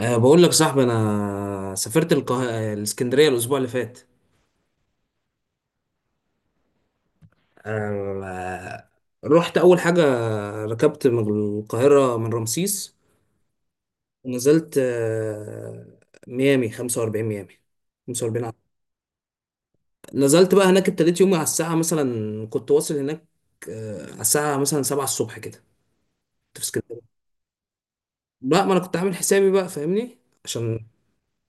بقول لك صاحبي انا سافرت القه... آه، الاسكندريه الاسبوع اللي فات. أه رحت اول حاجه، ركبت من القاهره من رمسيس ونزلت ميامي 45، ميامي 45 نزلت بقى هناك. ابتديت يومي على الساعه مثلا كنت واصل هناك على الساعه مثلا 7 الصبح كده. كنت في اسكندريه. لا، ما انا كنت عامل حسابي بقى، فاهمني؟ عشان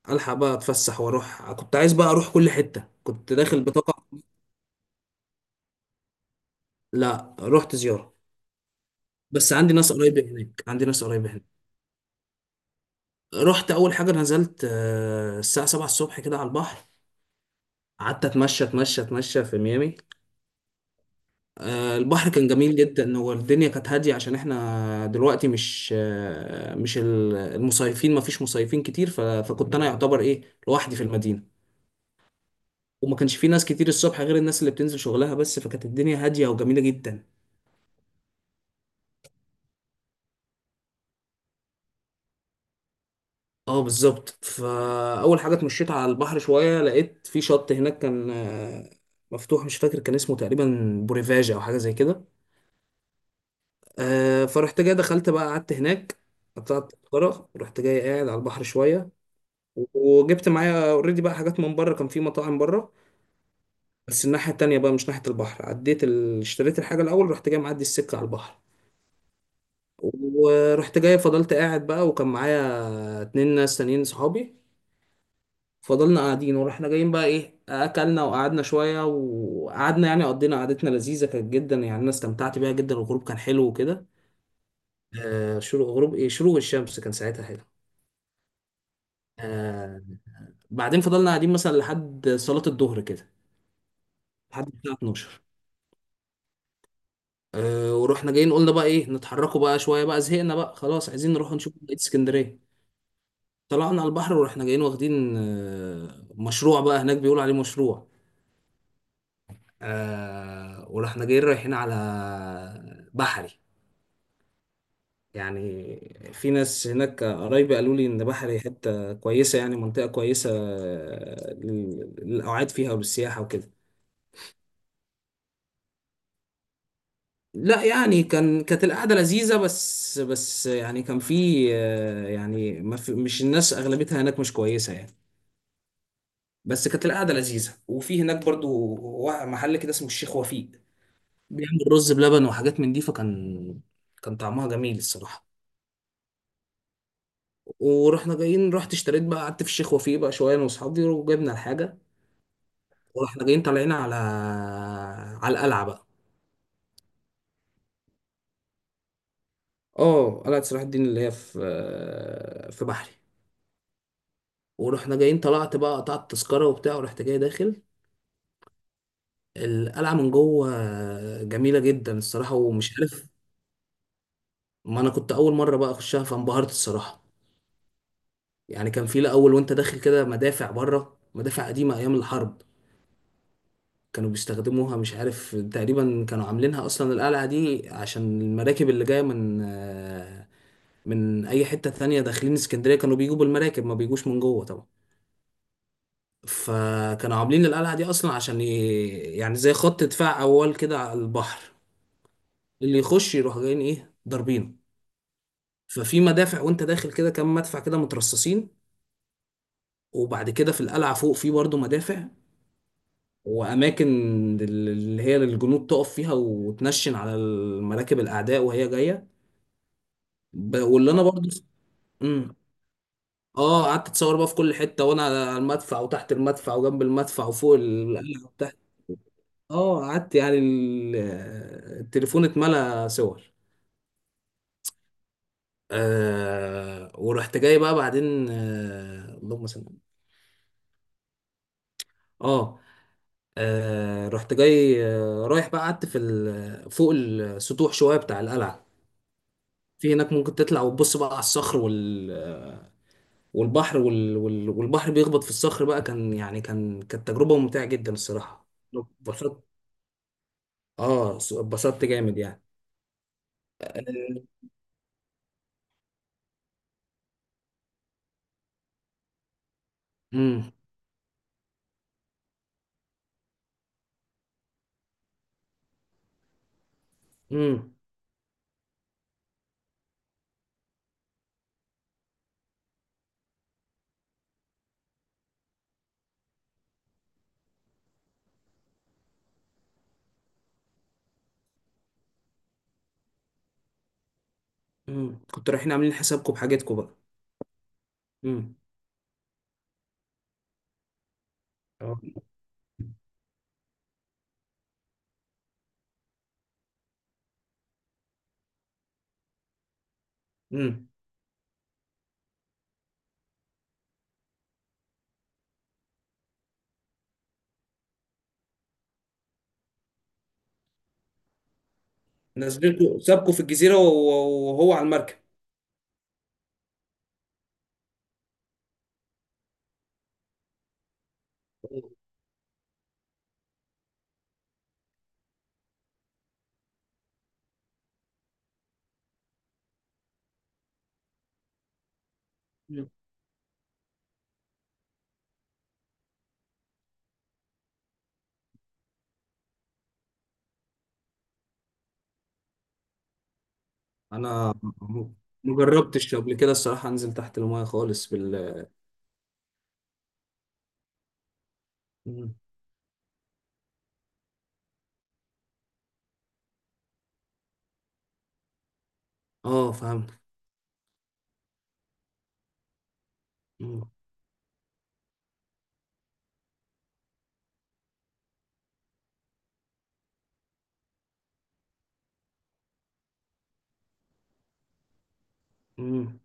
الحق بقى اتفسح واروح، كنت عايز بقى اروح كل حته، كنت داخل بطاقه. لا، رحت زياره، بس عندي ناس قريبة هناك، عندي ناس قريبة هناك. رحت أول حاجة نزلت الساعة 7 الصبح كده على البحر، قعدت أتمشى أتمشى أتمشى في ميامي. البحر كان جميل جدا، هو الدنيا كانت هادية عشان احنا دلوقتي مش المصيفين، مفيش مصيفين كتير، فكنت أنا يعتبر إيه، لوحدي في المدينة، وما كانش في ناس كتير الصبح غير الناس اللي بتنزل شغلها بس، فكانت الدنيا هادية وجميلة جدا. اه، بالظبط، فاول حاجه اتمشيت على البحر شويه، لقيت في شط هناك كان مفتوح، مش فاكر كان اسمه تقريبا بوريفاجا او حاجه زي كده. فرحت جاي دخلت بقى قعدت هناك، قطعت تذكره، رحت جاي قاعد على البحر شويه، وجبت معايا اوريدي بقى حاجات من بره، كان في مطاعم بره، بس الناحيه التانيه بقى مش ناحيه البحر. اشتريت الحاجه الاول، رحت جاي معدي السكه على البحر، ورحت جاي فضلت قاعد بقى، وكان معايا اتنين ناس تانيين صحابي، فضلنا قاعدين ورحنا جايين بقى ايه، اكلنا وقعدنا شويه وقعدنا يعني، قضينا قعدتنا لذيذه كانت جدا يعني، انا استمتعت بيها جدا، الغروب كان حلو وكده. آه شروق غروب ايه شروق الشمس كان ساعتها حلو. آه بعدين فضلنا قاعدين مثلا لحد صلاه الظهر كده، لحد الساعه 12. ورحنا جايين قلنا بقى ايه، نتحركوا بقى شويه بقى، زهقنا بقى، خلاص عايزين نروح نشوف بقيه اسكندريه. طلعنا على البحر ورحنا جايين واخدين مشروع بقى هناك بيقولوا عليه مشروع. ورحنا جايين رايحين على بحري. يعني في ناس هناك قرايبي قالوا لي ان بحري حته كويسه، يعني منطقه كويسه للاوعاد فيها وللسياحه وكده. لا يعني، كانت القعده لذيذه، بس يعني كان في يعني ما في، مش الناس اغلبيتها هناك مش كويسه يعني. بس كانت القعده لذيذه، وفي هناك برضو محل كده اسمه الشيخ وفيق، بيعمل رز بلبن وحاجات من دي، كان طعمها جميل الصراحه. ورحنا جايين رحت اشتريت بقى قعدت في الشيخ وفيق بقى شويه انا واصحابي وجبنا الحاجه، واحنا جايين طالعين على القلعه بقى. اه، قلعه صلاح الدين اللي هي في بحري. ورحنا جايين، طلعت بقى قطعت التذكره وبتاع ورحت جاي داخل القلعه من جوه، جميله جدا الصراحه ومش عارف. ما انا كنت اول مره بقى اخشها فانبهرت الصراحه. يعني كان في الاول وانت داخل كده مدافع بره، مدافع قديمه ايام الحرب كانوا بيستخدموها، مش عارف، تقريبا كانوا عاملينها اصلا القلعه دي عشان المراكب اللي جايه من اي حته تانية داخلين اسكندريه، كانوا بيجوا بالمراكب ما بيجوش من جوه طبعا. فكانوا عاملين القلعه دي اصلا عشان يعني زي خط دفاع اول كده على البحر، اللي يخش يروح جايين ايه ضاربينه. ففي مدافع وانت داخل كده كام مدفع كده مترصصين، وبعد كده في القلعه فوق في برضه مدافع، واماكن اللي هي الجنود تقف فيها وتنشن على المراكب الاعداء وهي جايه. واللي انا برضه. اه، قعدت اتصور بقى في كل حته، وانا على المدفع وتحت المدفع وجنب المدفع وفوق القلعه وتحت. اه قعدت يعني التليفون اتملى صور. ورحت جاي بقى بعدين، اللهم صل على النبي. اه. رحت جاي رايح بقى، قعدت في فوق السطوح شويه بتاع القلعه، في هناك ممكن تطلع وتبص بقى على الصخر والبحر والبحر بيخبط في الصخر بقى، كان يعني كانت تجربه ممتعه جدا الصراحه. اه، اتبسطت جامد يعني. امم امم كنتوا رايحين عاملين حسابكم بحاجتكم بقى؟ امم اه، امم نازلينكم سابكم في الجزيرة وهو على المركب؟ مم. انا ما جربتش قبل كده الصراحة، انزل تحت المايه خالص بال... مم. اه، فهمت. مم. مم.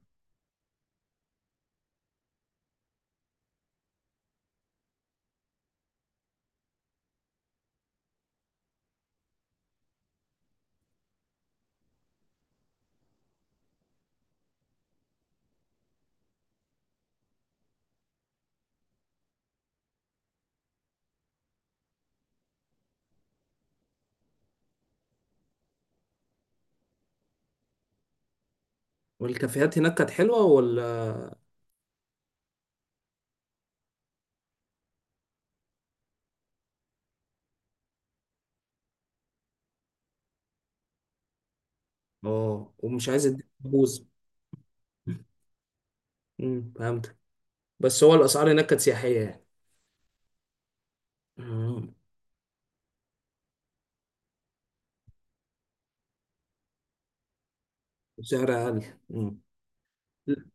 والكافيهات هناك كانت حلوة ولا؟ اه، ومش عايز اديك بوز. مم. فهمت. بس هو الاسعار هناك كانت سياحية يعني. مم. سعر اقل. مم.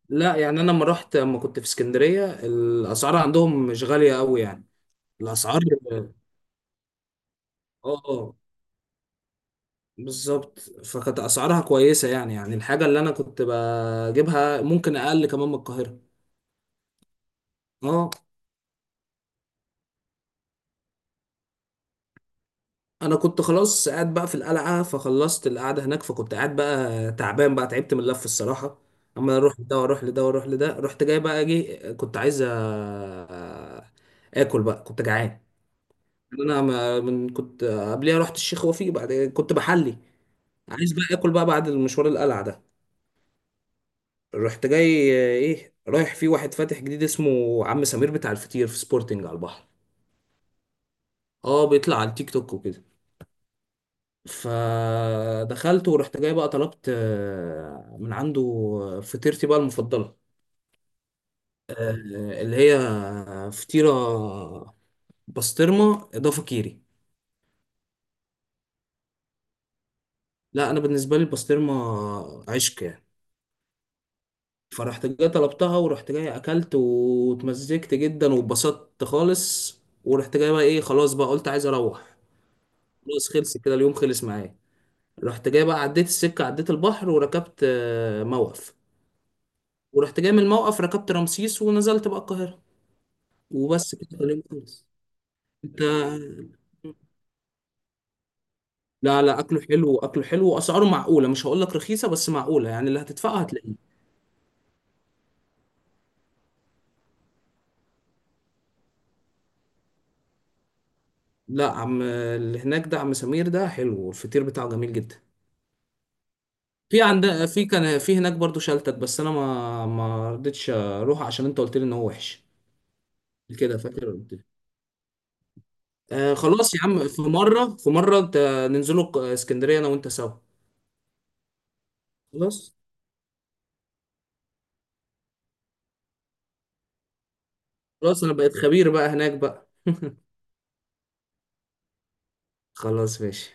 لا يعني انا، لما كنت في اسكندريه الاسعار عندهم مش غاليه قوي يعني. الاسعار، اه، آه، بالظبط، فكانت اسعارها كويسه يعني، الحاجه اللي انا كنت بجيبها ممكن اقل كمان من القاهره. اه، انا كنت خلاص قاعد بقى في القلعه، فخلصت القعده هناك، فكنت قاعد بقى تعبان بقى، تعبت من اللف الصراحه اما اروح لده واروح لده واروح لده. رحت جاي بقى اجي، كنت عايز اكل بقى كنت جعان. انا، ما من كنت قبليها رحت الشيخ وفيق، بعد كنت بحلي عايز بقى اكل بقى بعد المشوار القلعه ده. رحت جاي ايه رايح في واحد فاتح جديد اسمه عم سمير بتاع الفطير في سبورتنج على البحر. اه، بيطلع على التيك توك وكده. فدخلت ورحت جاي بقى طلبت من عنده فطيرتي بقى المفضله. اللي هي فطيره بسطرمه اضافه كيري. لا، انا بالنسبه لي البسطرمه عشق يعني. فرحت جاي طلبتها ورحت جاي اكلت واتمزجت جدا واتبسطت خالص. ورحت جاي بقى ايه خلاص بقى قلت عايز اروح، خلاص خلص كده، اليوم خلص معايا. رحت جاي بقى عديت السكة عديت البحر وركبت موقف، ورحت جاي من الموقف ركبت رمسيس ونزلت بقى القاهرة، وبس كده اليوم خلص. انت. لا لا، اكله حلو، اكله حلو واسعاره معقولة، مش هقول لك رخيصة بس معقولة، يعني اللي هتدفعه هتلاقيه. لا، عم اللي هناك ده عم سمير ده حلو، والفطير بتاعه جميل جدا. في عند في كان في هناك برضو شلتت، بس انا ما رضيتش اروح عشان انت قلت لي ان هو وحش، كده فاكر قلت لي. آه، خلاص يا عم، في مره انت، ننزلوا اسكندريه انا وانت سوا. خلاص، خلاص انا بقيت خبير بقى هناك بقى. خلاص، ماشي.